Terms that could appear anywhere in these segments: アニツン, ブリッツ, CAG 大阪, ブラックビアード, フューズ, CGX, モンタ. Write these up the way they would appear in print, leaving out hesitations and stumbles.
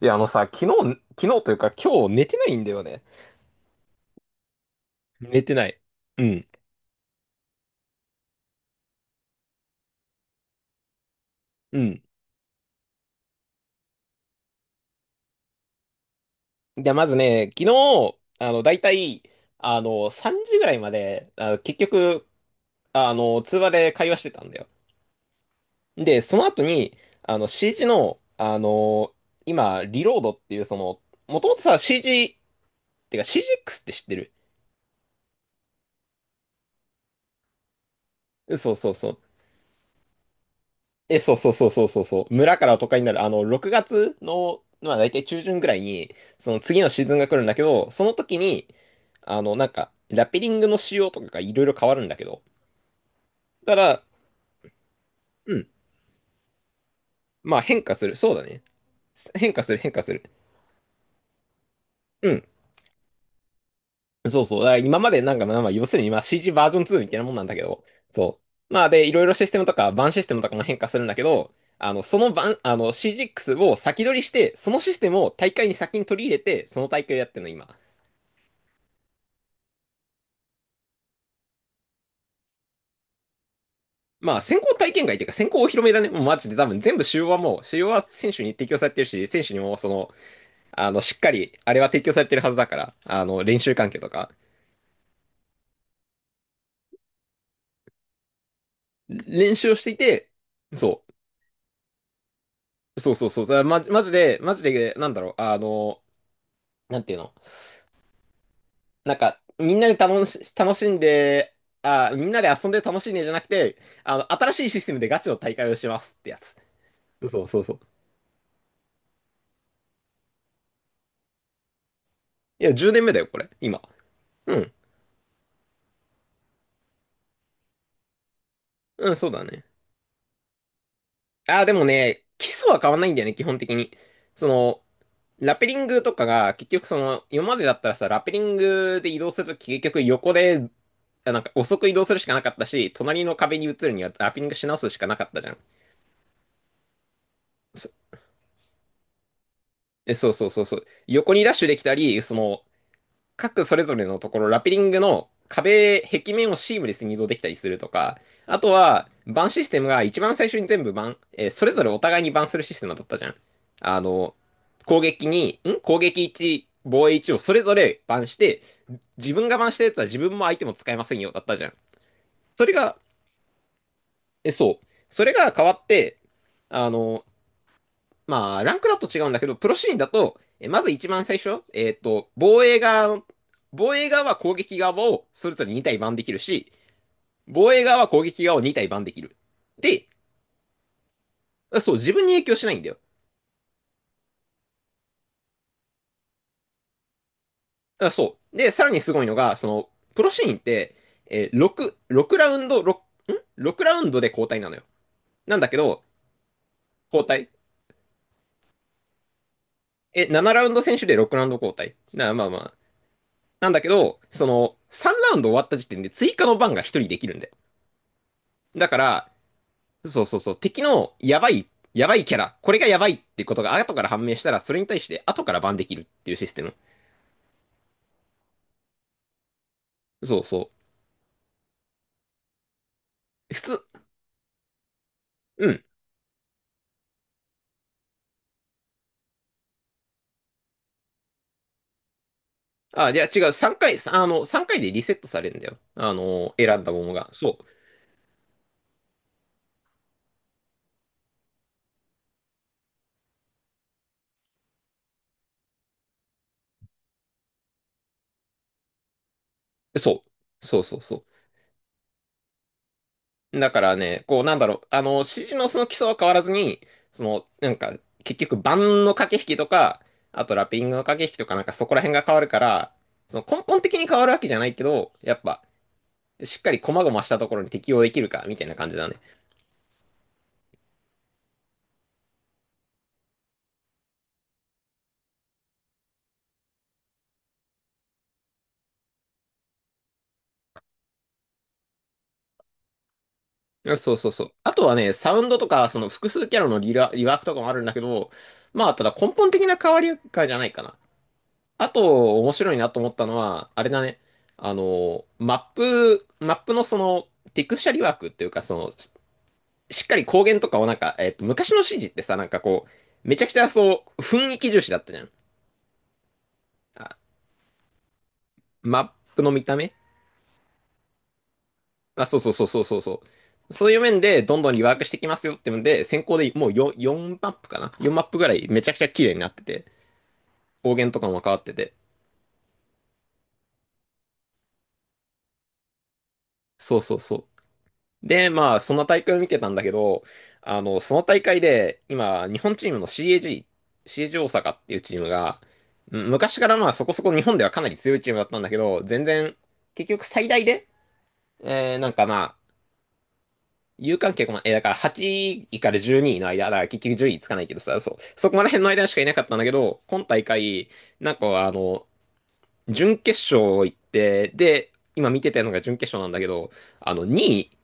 いや、あのさ、昨日というか今日寝てないんだよね。寝てない。うん。うん。じゃあまずね、昨日、だいたい、3時ぐらいまで、結局、通話で会話してたんだよ。で、その後に、CG の、今、リロードっていう、その、もともとさ、CG、ってか CGX って知ってる？そうそうそう。え、そうそうそうそうそうそう。村から都会になる。6月の、まあ大体中旬ぐらいに、その次のシーズンが来るんだけど、その時に、なんか、ラペリングの仕様とかがいろいろ変わるんだけど。ただ、うん。まあ変化する。そうだね。変化する、変化する。うん。そうそう。だから今までなんか、まあ、まあ要するにまあ CG バージョン2みたいなもんなんだけど。そう。まあで、いろいろシステムとか、バンシステムとかも変化するんだけど、その版、CGX を先取りして、そのシステムを大会に先に取り入れて、その大会をやってるの、今。まあ、先行体験会っていうか、先行お披露目だね。もうマジで多分全部主要はもう、主要は選手に提供されてるし、選手にもその、しっかり、あれは提供されてるはずだから、練習環境とか、練習をしていて、そう、そうそうそう、だマジマジで、マジで、なんだろう、あの、なんていうの、なんか、みんなで楽し、楽しんで、あ、みんなで遊んで楽しいねじゃなくて、新しいシステムでガチの大会をしますってやつ。そうそうそう。いや、10年目だよ、これ、今。うん。うん、そうだね。ああ、でもね、基礎は変わんないんだよね、基本的に。その、ラペリングとかが、結局その、今までだったらさ、ラペリングで移動するとき、結局横で、あなんか遅く移動するしかなかったし、隣の壁に移るにはラペリングし直すしかなかったじゃん。そ、え、そうそうそうそう。横にダッシュできたり、その、各それぞれのところ、ラピリングの壁、壁面をシームレスに移動できたりするとか、あとは、バンシステムが一番最初に全部バン、えーそれぞれお互いにバンするシステムだったじゃん。あの、攻撃に、攻撃1、防衛1をそれぞれバンして、自分がバンしたやつは自分も相手も使えませんよ、だったじゃん。それが、え、そう。それが変わって、あの、まあ、ランクだと違うんだけど、プロシーンだと、まず一番最初、防衛側は攻撃側をそれぞれ2体番できるし、防衛側は攻撃側を2体番できる。で、そう、自分に影響しないんだよ。あそう。で、さらにすごいのが、その、プロシーンって、6ラウンド、6 ラウンドで交代なのよ。なんだけど、交代。え、7ラウンド選手で6ラウンド交代。まあまあ。なんだけど、その、3ラウンド終わった時点で追加の番が1人できるんだよ。だから、そうそうそう、敵のやばい、やばいキャラ、これがやばいってことが後から判明したら、それに対して後からバンできるっていうシステム。そうそう。普通、うん。あ、じゃあ違う、3回でリセットされるんだよ。選んだものが。そう。そう。そうそうそう。だからね、こう、指示のその基礎は変わらずに、その、なんか、結局、盤の駆け引きとか、あとラッピングの駆け引きとか、なんかそこら辺が変わるから、その根本的に変わるわけじゃないけど、やっぱ、しっかり細々したところに適応できるか、みたいな感じだね。そうそうそう。あとはね、サウンドとか、その複数キャラのリラリワークとかもあるんだけど、まあ、ただ根本的な変わりかじゃないかな。あと、面白いなと思ったのは、あれだね。マップのその、テクスチャリワークっていうか、その、しっかり光源とかをなんか、昔の CG ってさ、なんかこう、めちゃくちゃそう、雰囲気重視だったじゃん。あマップの見た目あ、そうそうそうそうそうそう。そういう面でどんどんリワークしてきますよってので、先行でもう 4マップかな？ 4 マップぐらいめちゃくちゃ綺麗になってて、光源とかも変わってて。そうそうそう。で、まあ、その大会を見てたんだけど、その大会で、今、日本チームの CAG、CAG 大阪っていうチームが、昔からまあそこそこ日本ではかなり強いチームだったんだけど、全然、結局最大で、えー、なんかまあ、有観客も、え、だから8位から12位の間、だから結局10位つかないけどさ、そう、そこら辺の間しかいなかったんだけど、今大会、なんかあの、準決勝行って、で、今見てたのが準決勝なんだけど、あの、2位、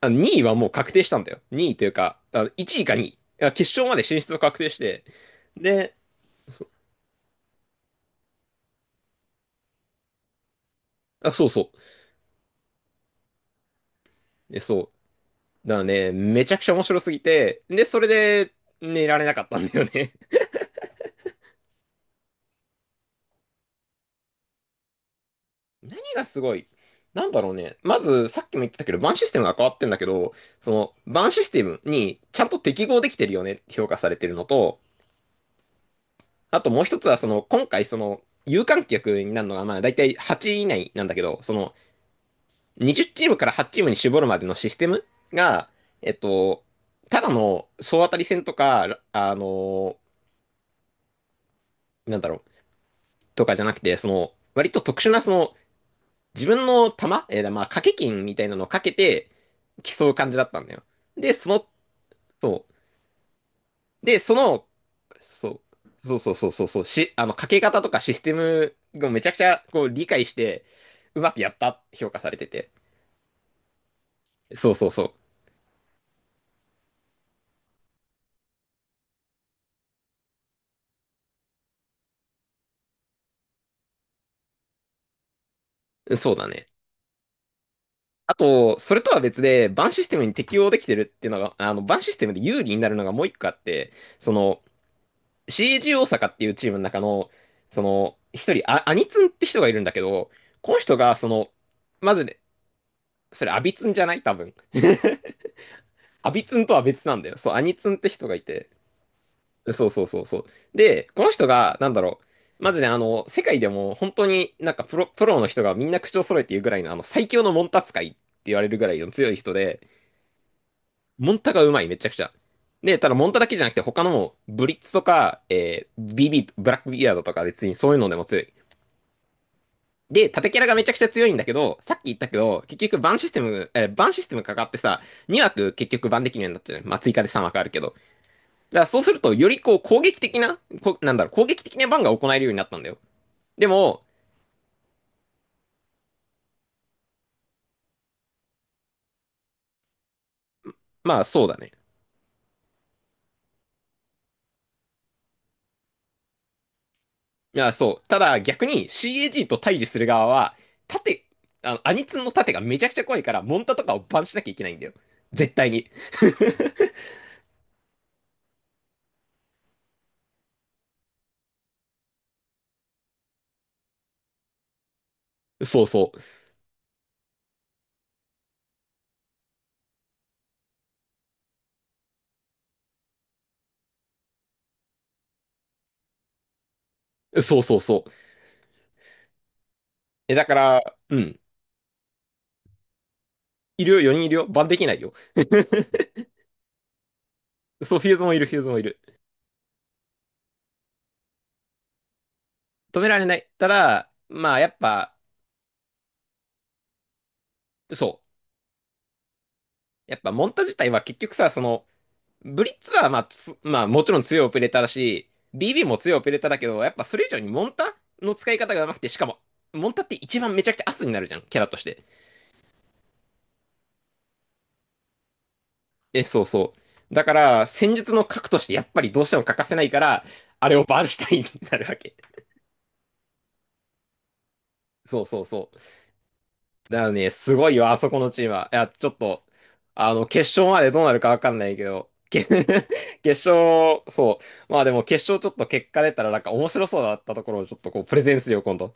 あ、2位はもう確定したんだよ。2位というか、あ、1位か2位。いや決勝まで進出を確定して、で、そあ、そうそう。で、そう。だからね、めちゃくちゃ面白すぎて、で、それで寝られなかったんだよね。何がすごいなんだろうね。まず、さっきも言ったけど、バンシステムが変わってんだけど、その、バンシステムにちゃんと適合できてるよねって評価されてるのと、あともう一つは、その、今回、その、有観客になるのが、まあ、だいたい8位以内なんだけど、その、20チームから8チームに絞るまでのシステムが、えっと、ただの総当たり戦とか、なんだろう、とかじゃなくて、その、割と特殊な、その、自分の玉、えーまあ、掛け金みたいなのをかけて競う感じだったんだよ。で、その、そう。で、その、そう、そうそうそうそうそう、し、あの、かけ方とかシステムをめちゃくちゃこう理解して、うまくやったって評価されてて。そうそうそう。そうだね。あと、それとは別で、バンシステムに適応できてるっていうのが、バンシステムで有利になるのがもう一個あって、その、CG 大阪っていうチームの中の、その、一人、あ、アニツンって人がいるんだけど、この人が、その、まずね、それ、アビツンじゃない多分。アビツンとは別なんだよ。そう、アニツンって人がいて。そうそうそうそう。で、この人が、なんだろう、まずね、世界でも本当にプロの人がみんな口を揃えて言うぐらいの、最強のモンタ使いって言われるぐらいの強い人で、モンタがうまい、めちゃくちゃ。で、ただモンタだけじゃなくて、他のも、ブリッツとか、えービビ、ブラックビアードとか別にそういうのでも強い。で、縦キャラがめちゃくちゃ強いんだけど、さっき言ったけど、結局バンシステムかかってさ、2枠結局バンできるようになってる。まあ、追加で3枠あるけど。だからそうすると、よりこう攻撃的な、こなんだろう、攻撃的なバンが行えるようになったんだよ。でも、まあそうだね。いや、そう。ただ逆に CAG と対峙する側は、盾、アニツンの盾がめちゃくちゃ怖いから、モンタとかをバンしなきゃいけないんだよ。絶対に。そうそう。そうそうそう。え、だから、うん。いるよ、4人いるよ。バンできないよ。そう、フューズもいる、フューズもいる。止められない。ただ、まあ、やっぱ、そう。やっぱ、モンタ自体は結局さ、その、ブリッツは、まあ、もちろん強いオペレーターだし、BB も強いオペレーターだけど、やっぱそれ以上にモンタの使い方が上手くて、しかも、モンタって一番めちゃくちゃ圧になるじゃん、キャラとして。え、そうそう。だから、戦術の核としてやっぱりどうしても欠かせないから、あれをバンシュタインになるわけ。そうそうそう。だからね、すごいよ、あそこのチームは。いや、ちょっと、決勝までどうなるかわかんないけど、決勝、そう。まあでも決勝ちょっと結果出たらなんか面白そうだったところをちょっとこう、プレゼンするよ、今度。